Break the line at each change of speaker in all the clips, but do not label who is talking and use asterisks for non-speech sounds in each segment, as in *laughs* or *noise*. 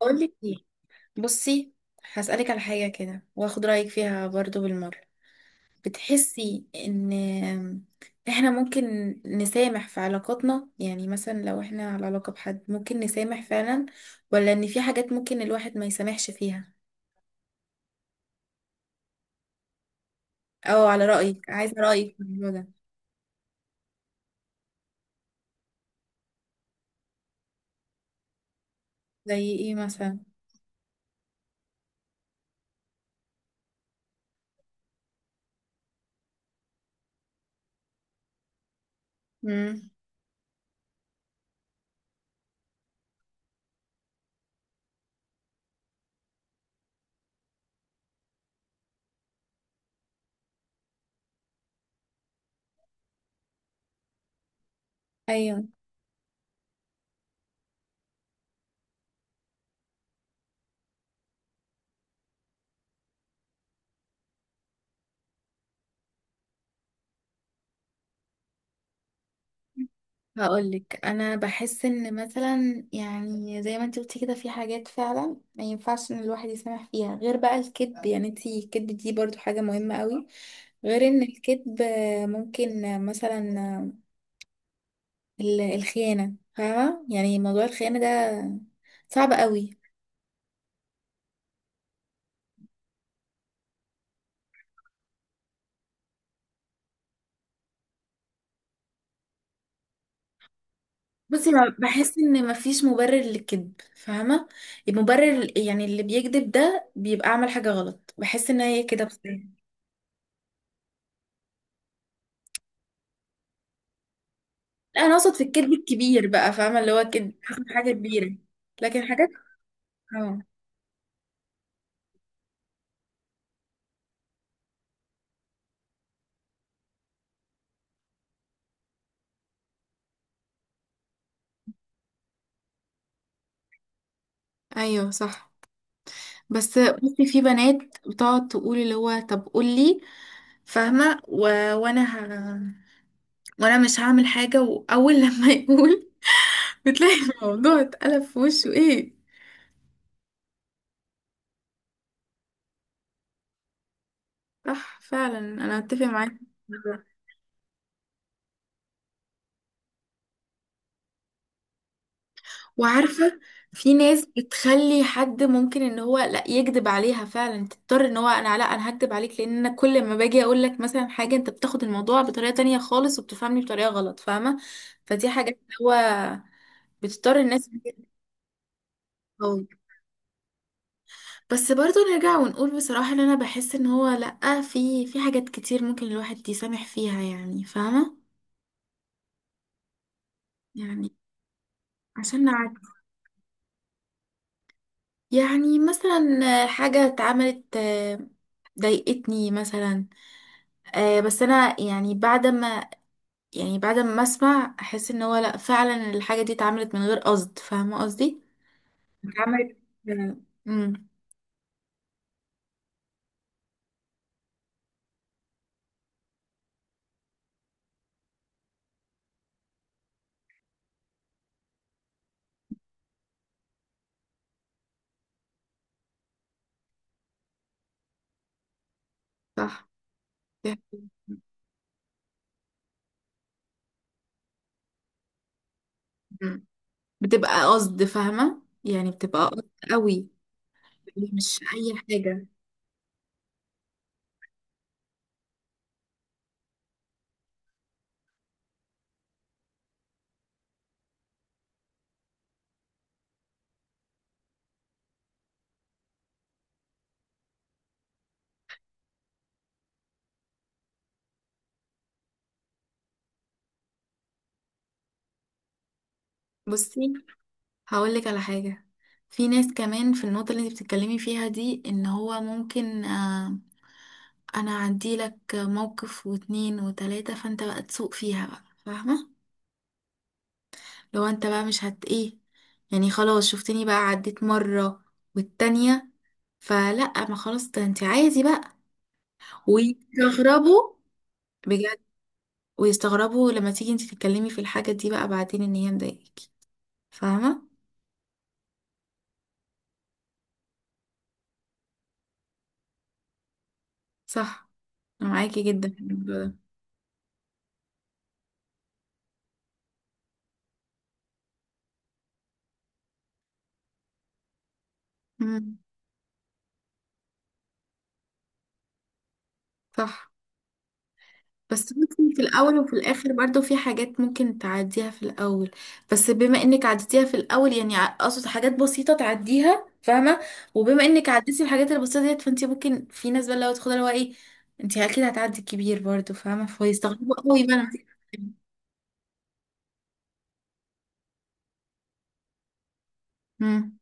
بقول لك ايه. بصي، هسألك على حاجة كده واخد رأيك فيها برضو بالمرة. بتحسي ان احنا ممكن نسامح في علاقاتنا؟ يعني مثلا لو احنا على علاقة بحد ممكن نسامح فعلا، ولا ان في حاجات ممكن الواحد ما يسامحش فيها؟ او على رأيك، عايزة رأيك في الموضوع ده. زي ايه مثلا؟ امم. ايوه. هقولك، انا بحس ان مثلا، يعني زي ما انت قلتي كده، في حاجات فعلا ما ينفعش ان الواحد يسامح فيها. غير بقى الكذب، يعني انت الكذب دي برضو حاجة مهمة قوي. غير ان الكذب ممكن مثلا الخيانة، فاهمة؟ يعني موضوع الخيانة ده صعب قوي. بصي ما- بحس ان مفيش مبرر للكذب، فاهمة؟ المبرر، يعني اللي بيكذب ده بيبقى عمل حاجة غلط. بحس ان هي كده بصراحة. لا انا اقصد في الكذب الكبير بقى، فاهمه؟ اللي هو كذب حاجة كبيره. لكن حاجات، اه. ايوه صح. بس بصي، في بنات بتقعد تقول اللي هو طب قولي، فاهمه؟ وانا ه... وانا مش هعمل حاجه. واول لما *laughs* يقول، بتلاقي الموضوع اتقلب في وشه، ايه؟ صح فعلا، انا اتفق معاك. وعارفة، في ناس بتخلي حد ممكن ان هو لا يكذب عليها فعلا تضطر ان هو، انا لا انا هكذب عليك، لان انا كل ما باجي اقول لك مثلا حاجة انت بتاخد الموضوع بطريقة تانية خالص وبتفهمني بطريقة غلط، فاهمة؟ فدي حاجة اللي هو بتضطر الناس إن هي تتفاوض. بس برضه نرجع ونقول بصراحة ان انا بحس ان هو لا، في حاجات كتير ممكن الواحد يسامح فيها يعني، فاهمة؟ يعني عشان نعدي. يعني مثلا حاجة اتعملت، ضايقتني مثلا. بس انا يعني بعد ما اسمع، احس ان هو لا فعلا الحاجة دي اتعملت من غير قصد، فاهمة قصدي؟ اتعملت. امم. صح. مم. بتبقى قصد، فاهمة؟ يعني بتبقى قصد قوي، مش اي حاجة. بصي هقول لك على حاجة، في ناس كمان في النقطة اللي انت بتتكلمي فيها دي، ان هو ممكن انا اعدي لك موقف واتنين وتلاتة، فانت بقى تسوق فيها بقى، فاهمة؟ لو انت بقى مش هت ايه، يعني خلاص شفتني بقى عديت مرة والتانية، فلا، ما خلاص ده انت عادي بقى. ويستغربوا، بجد. ويستغربوا لما تيجي انت تتكلمي في الحاجة دي بقى بعدين ان هي مضايقاكي، فاهمة؟ صح، انا معاكي جدا في الموضوع ده. مم. صح. بس ممكن في الأول وفي الآخر برضو، في حاجات ممكن تعديها في الأول. بس بما إنك عديتيها في الأول، يعني أقصد حاجات بسيطة تعديها، فاهمة؟ وبما إنك عديتي الحاجات البسيطة ديت، فأنت ممكن، في ناس بقى لو تاخدها اللي هو إيه، أنت أكيد هتعدي الكبير برضو، فاهمة؟ فيستغربوا قوي بقى لما تيجي تتكلمي. مم.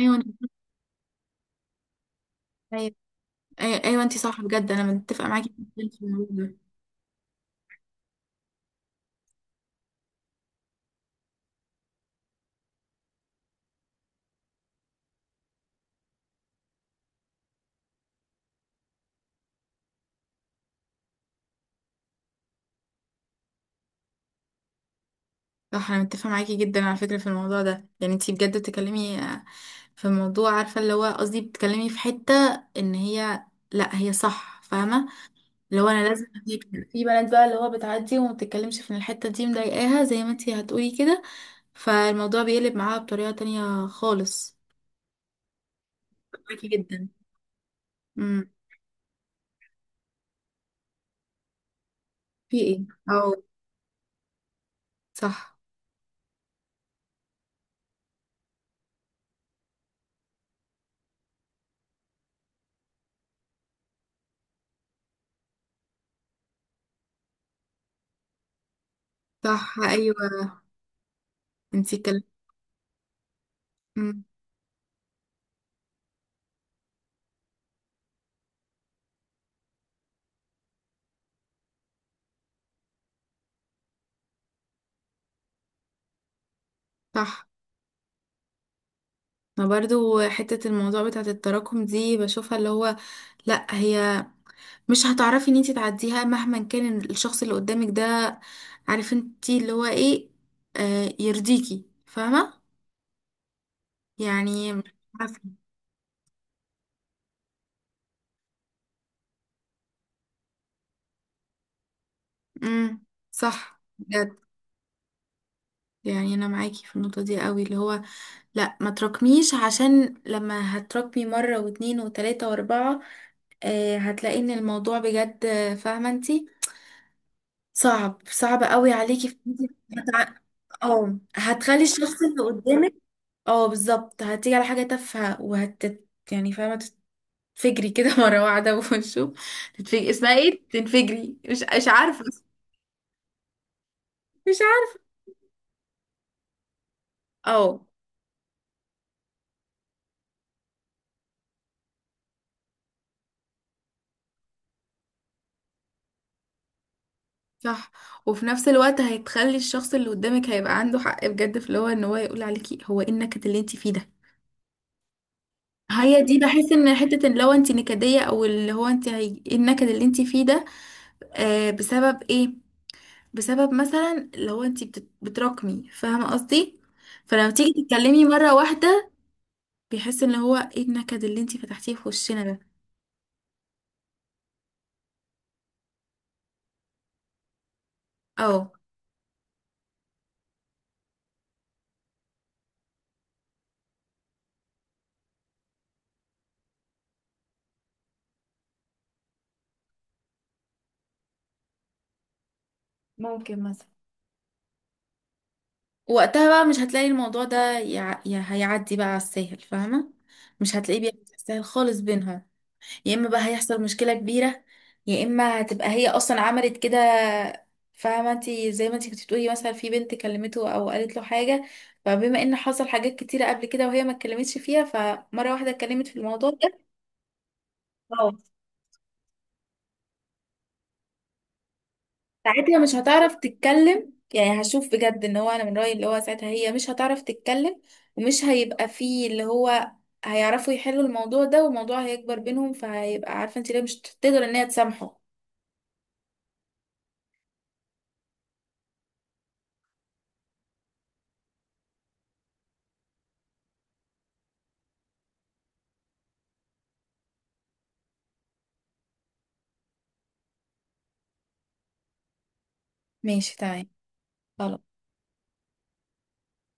أيوة أنت صح. أيوة، أيوة، أيوة أنت صح بجد، أنا متفقة معاكي جداً في الموضوع ده. صح انا متفقه معاكي جدا على فكره في الموضوع ده. يعني انتي بجد بتتكلمي في موضوع، عارفه اللي هو قصدي، بتتكلمي في حته ان هي، لا هي صح، فاهمه؟ اللي هو انا لازم أديك. في بنات بقى اللي هو بتعدي وما بتتكلمش في ان الحته دي مضايقاها، زي ما انتي هتقولي كده، فالموضوع بيقلب معاها بطريقه تانية خالص. معاكي جدا. امم. في ايه؟ او صح. صح. ايوه، انتي اتكلمتي. امم. صح. ما برضو حتة الموضوع بتاعت التراكم دي بشوفها اللي هو، لا هي مش هتعرفي ان انتي تعديها مهما كان الشخص اللي قدامك ده عارف انتي اللي هو ايه، آه يرضيكي، فاهمة؟ يعني مش عارفة. امم. صح بجد. يعني انا معاكي في النقطة دي قوي اللي هو، لا ما تراكميش، عشان لما هتراكمي مرة واتنين وتلاتة واربعة، آه هتلاقي ان الموضوع بجد، فاهمة انتي؟ صعب، صعب قوي عليكي *laughs* في هتع... اه هتخلي الشخص اللي قدامك، اه بالظبط هتيجي على حاجة تافهة وهت، يعني فاهمة، تتفجري كده *laughs* مرة واحدة. وشو تتفجري، اسمها ايه، تنفجري، مش عارفة. مش عارفة. اه صح. وفي نفس الوقت هتخلي الشخص اللي قدامك هيبقى عنده حق بجد في اللي هو ان هو يقول عليكي، هو ايه النكد اللي انت فيه ده؟ هي دي، بحس ان حتة ان لو انت نكدية او اللي هو انت إيه النكد اللي انت فيه ده؟ آه بسبب ايه؟ بسبب مثلا لو انت بتراكمي، فاهمة قصدي؟ فلما تيجي تتكلمي مرة واحدة، بيحس ان هو ايه النكد اللي انتي فتحتيه في وشنا ده. اه. ممكن مثلا وقتها بقى مش هتلاقي الموضوع ده هيعدي بقى على السهل، فاهمة؟ مش هتلاقيه بيعدي على السهل خالص بينهم. يا اما بقى هيحصل مشكلة كبيرة، يا اما هتبقى هي اصلا عملت كده، فاهمة انتي؟ زي ما انتي كنت بتقولي، مثلا في بنت كلمته او قالت له حاجة، فبما ان حصل حاجات كتيرة قبل كده وهي ما اتكلمتش فيها، فمرة واحدة اتكلمت في الموضوع ده، ساعتها مش هتعرف تتكلم. يعني هشوف بجد ان هو انا من رأيي اللي هو ساعتها هي مش هتعرف تتكلم، ومش هيبقى فيه اللي هو هيعرفوا يحلوا الموضوع ده، والموضوع هيكبر بينهم، فهيبقى عارفة انت ليه مش تقدر ان هي تسامحه. ماشي تمام. خلاص.